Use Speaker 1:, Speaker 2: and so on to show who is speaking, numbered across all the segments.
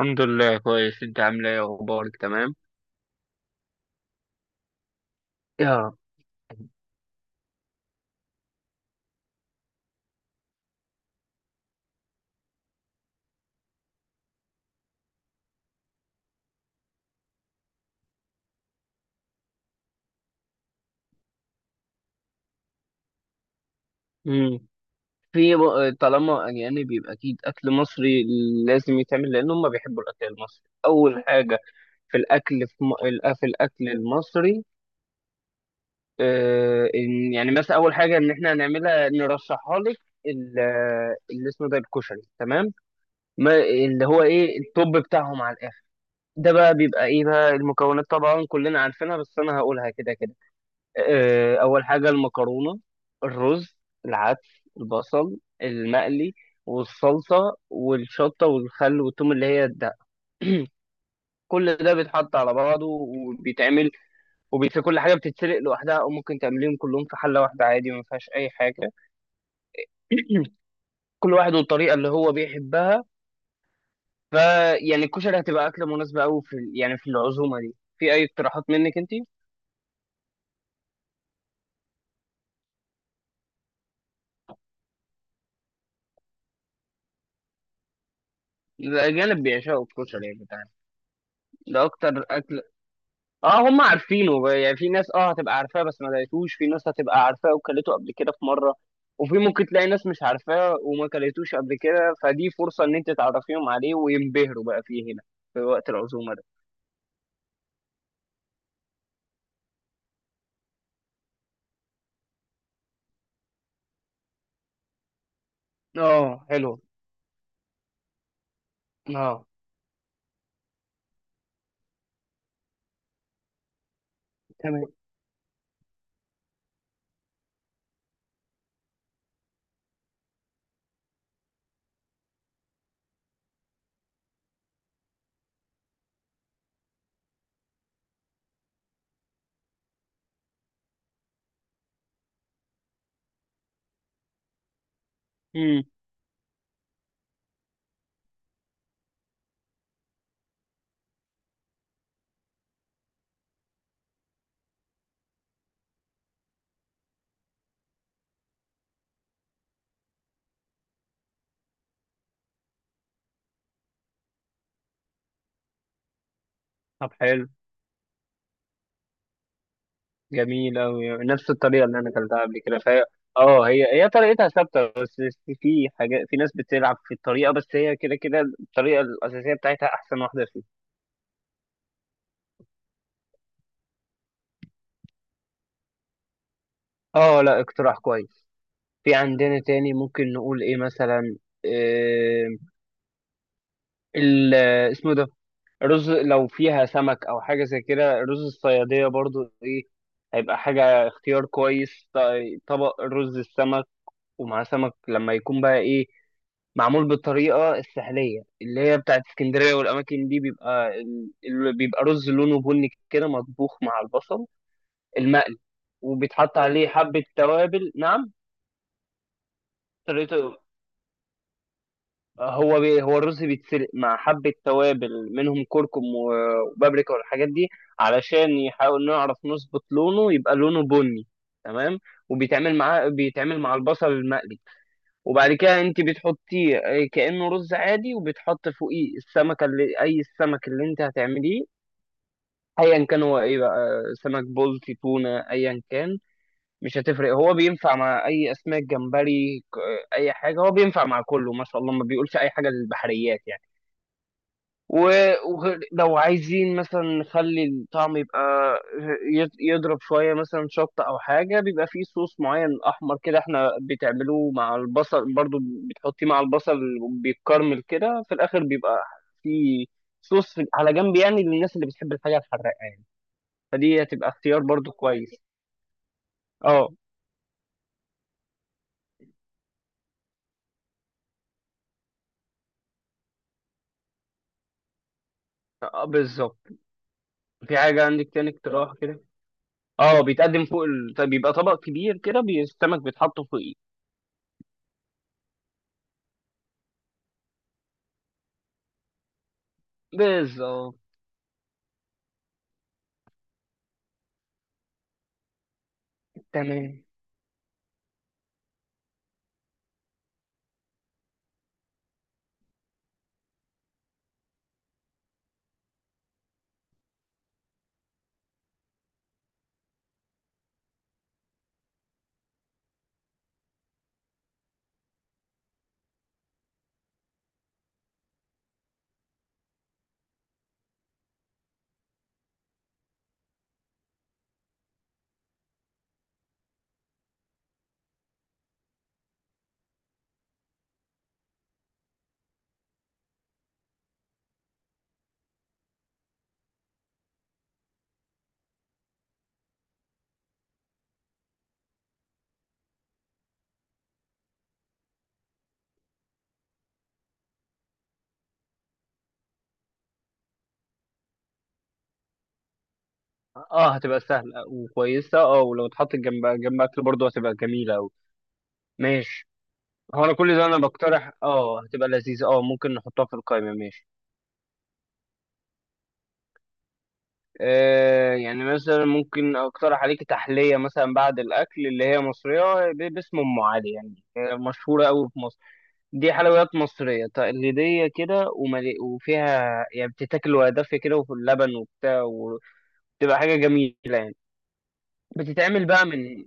Speaker 1: الحمد لله كويس، انت عامله ايه؟ اخبارك تمام؟ يا رب. مم. في طالما يعني بيبقى اكيد اكل مصري لازم يتعمل، لان هم بيحبوا الاكل المصري اول حاجه. في الاكل في الاكل المصري، آه إن يعني مثلا اول حاجه ان احنا هنعملها نرشحها لك ال- اللي اسمه ده الكشري، تمام؟ ما اللي هو ايه التوب بتاعهم على الاخر. ده بقى بيبقى ايه بقى المكونات، طبعا كلنا عارفينها بس انا هقولها كده كده. اول حاجه المكرونه، الرز، العدس، البصل المقلي، والصلصه والشطه والخل والثوم، اللي هي ده كل ده بيتحط على بعضه وبيتعمل. وفي كل حاجه بتتسلق لوحدها، او ممكن تعمليهم كلهم في حله واحده عادي، ما فيهاش اي حاجه، كل واحد والطريقه اللي هو بيحبها. فيعني الكشري هتبقى اكله مناسبه قوي يعني في العزومه دي. في اي اقتراحات منك انت؟ الاجانب بيعشقوا الكشري يعني بتاعنا، ده اكتر اكله. اه هم عارفينه بقى، يعني في ناس اه هتبقى عارفاه بس ما لقيتوش، في ناس هتبقى عارفاه وكلته قبل كده في مره، وفي ممكن تلاقي ناس مش عارفاه وما كلتوش قبل كده، فدي فرصه ان انت تعرفيهم عليه وينبهروا بقى فيه هنا في وقت العزومه ده. اه حلو. اه. تمام. امم طب حلو. جميل قوي، نفس الطريقه اللي انا اكلتها قبل كده فهي اه، هي هي طريقتها ثابته، بس في حاجات في ناس بتلعب في الطريقه، بس هي كده كده الطريقه الاساسيه بتاعتها احسن واحده فيهم. اه لا اقتراح كويس. في عندنا تاني ممكن نقول ايه مثلا، إيه ال اسمه ده رز، لو فيها سمك او حاجه زي كده، رز الصياديه برضو، ايه هيبقى حاجه اختيار كويس. طبق رز السمك، ومع سمك لما يكون بقى ايه معمول بالطريقه السحليه اللي هي بتاعت اسكندريه والاماكن دي، بيبقى بيبقى رز لونه بني كده، مطبوخ مع البصل المقلي، وبيتحط عليه حبه توابل. نعم طريقته، هو الرز بيتسلق مع حبة توابل منهم كركم وبابريكا والحاجات دي، علشان يحاول نعرف نظبط لونه يبقى لونه بني. تمام. وبيتعمل معاه، بيتعمل مع البصل المقلي، وبعد كده انت بتحطيه كأنه رز عادي، وبتحط فوقيه السمكة اللي اي السمك اللي انت هتعمليه، ايا كان هو ايه بقى، سمك بلطي، تونة، ايا كان مش هتفرق، هو بينفع مع اي اسماك، جمبري، اي حاجة، هو بينفع مع كله ما شاء الله، ما بيقولش اي حاجة للبحريات يعني. و- ولو عايزين مثلا نخلي الطعم يبقى يضرب شوية مثلا شطة أو حاجة، بيبقى فيه صوص معين أحمر كده احنا بتعملوه مع البصل برضو، بتحطيه مع البصل، بيتكرمل كده في الآخر، بيبقى فيه صوص على جنب يعني للناس اللي بتحب الحاجة الحراقة يعني. فدي هتبقى اختيار برضو كويس. اه. بالظبط. في حاجة عندك تاني اقتراح كده؟ اه بيتقدم فوق طيب بيبقى طبق كبير كده، السمك بيتحط فوقيه. بالظبط. تمام. اه هتبقى سهلة وكويسة، اه ولو اتحطت جنب جنب اكل برضه هتبقى جميلة اوي. ماشي. هو انا كل ده انا بقترح، اه هتبقى لذيذة، اه ممكن نحطها في القائمة. ماشي. آه يعني مثلا ممكن اقترح عليك تحلية مثلا بعد الاكل اللي هي مصرية باسم ام علي، يعني هي مشهورة اوي في مصر. دي حلويات مصرية تقليدية كده، وفيها يعني بتتاكل وهي دافية كده، وفي اللبن وبتاع، وتبقى حاجة جميلة يعني. بتتعمل بقى من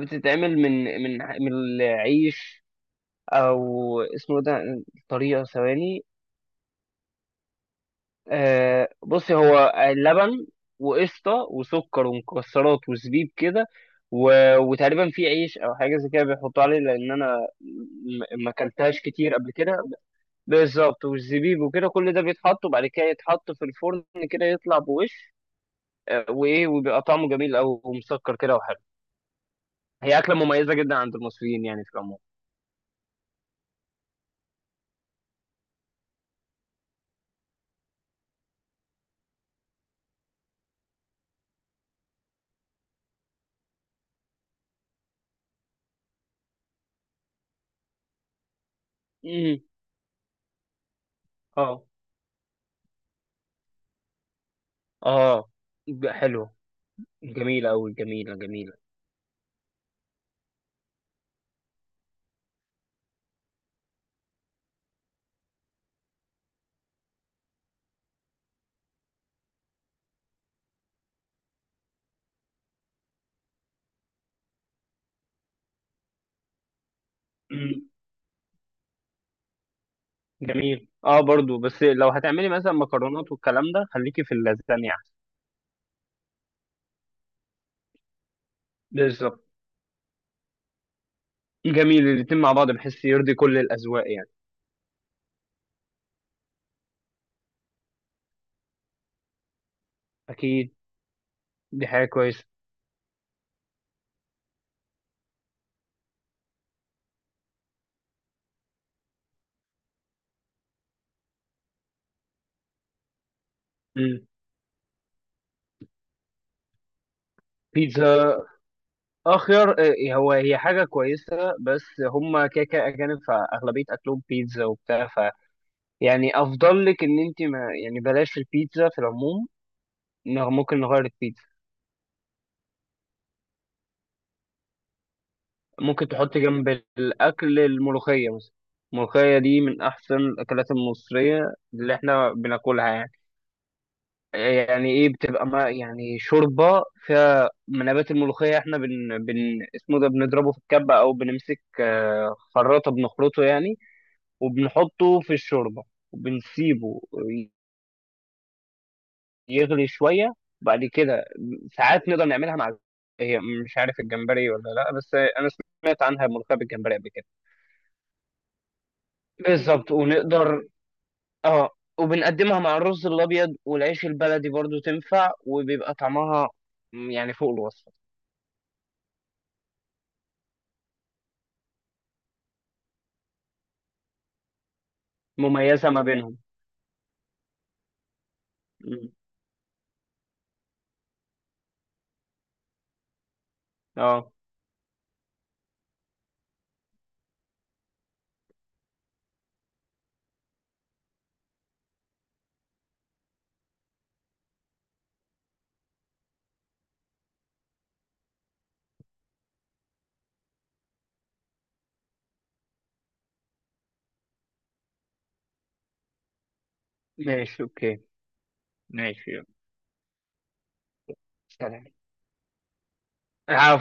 Speaker 1: بتتعمل من العيش او اسمه ده، طريقه ثواني. آه بصي، هو لبن وقشطه وسكر ومكسرات وزبيب كده، وتقريبا في عيش او حاجه زي كده بيحطوا عليه، لان انا ما اكلتهاش كتير قبل كده. بالظبط، والزبيب وكده كل ده بيتحط، وبعد كده يتحط في الفرن كده يطلع بوش، آه، وايه وبيبقى طعمه جميل او مسكر كده وحلو. هي اكله مميزه جدا عند المصريين يعني في العموم. مم. اه. اه حلوه. جميله قوي، جميله جميله. مم. جميل اه برضو، بس لو هتعملي مثلا مكرونات والكلام ده خليكي في اللازانيا احسن. بالظبط، جميل الاتنين مع بعض بحيث يرضي كل الاذواق يعني. اكيد. دي حاجه كويسه. مم. بيتزا؟ اخير هو هي حاجه كويسه، بس هم كيكه اجانب فاغلبيه اكلهم بيتزا وبتاع، ف يعني افضل لك ان انت ما يعني بلاش البيتزا في العموم، إنه ممكن نغير البيتزا. ممكن تحط جنب الأكل الملوخية مثلا. الملوخية دي من أحسن الأكلات المصرية اللي إحنا بناكلها يعني. يعني إيه؟ بتبقى ما يعني شوربة فيها من نبات الملوخية، إحنا بن, بن اسمه ده بنضربه في الكبة، أو بنمسك خراطة بنخرطه يعني، وبنحطه في الشوربة، وبنسيبه يغلي شوية. بعد كده ساعات نقدر نعملها مع، هي مش عارف الجمبري ولا لا، بس أنا سمعت عنها ملوخية بالجمبري قبل كده. بالظبط. ونقدر اه وبنقدمها مع الرز الابيض والعيش البلدي برضو تنفع، وبيبقى طعمها يعني فوق الوصف. مميزة ما بينهم. م. اه. ماشي اوكي. ماشي يلا. سلام. آه.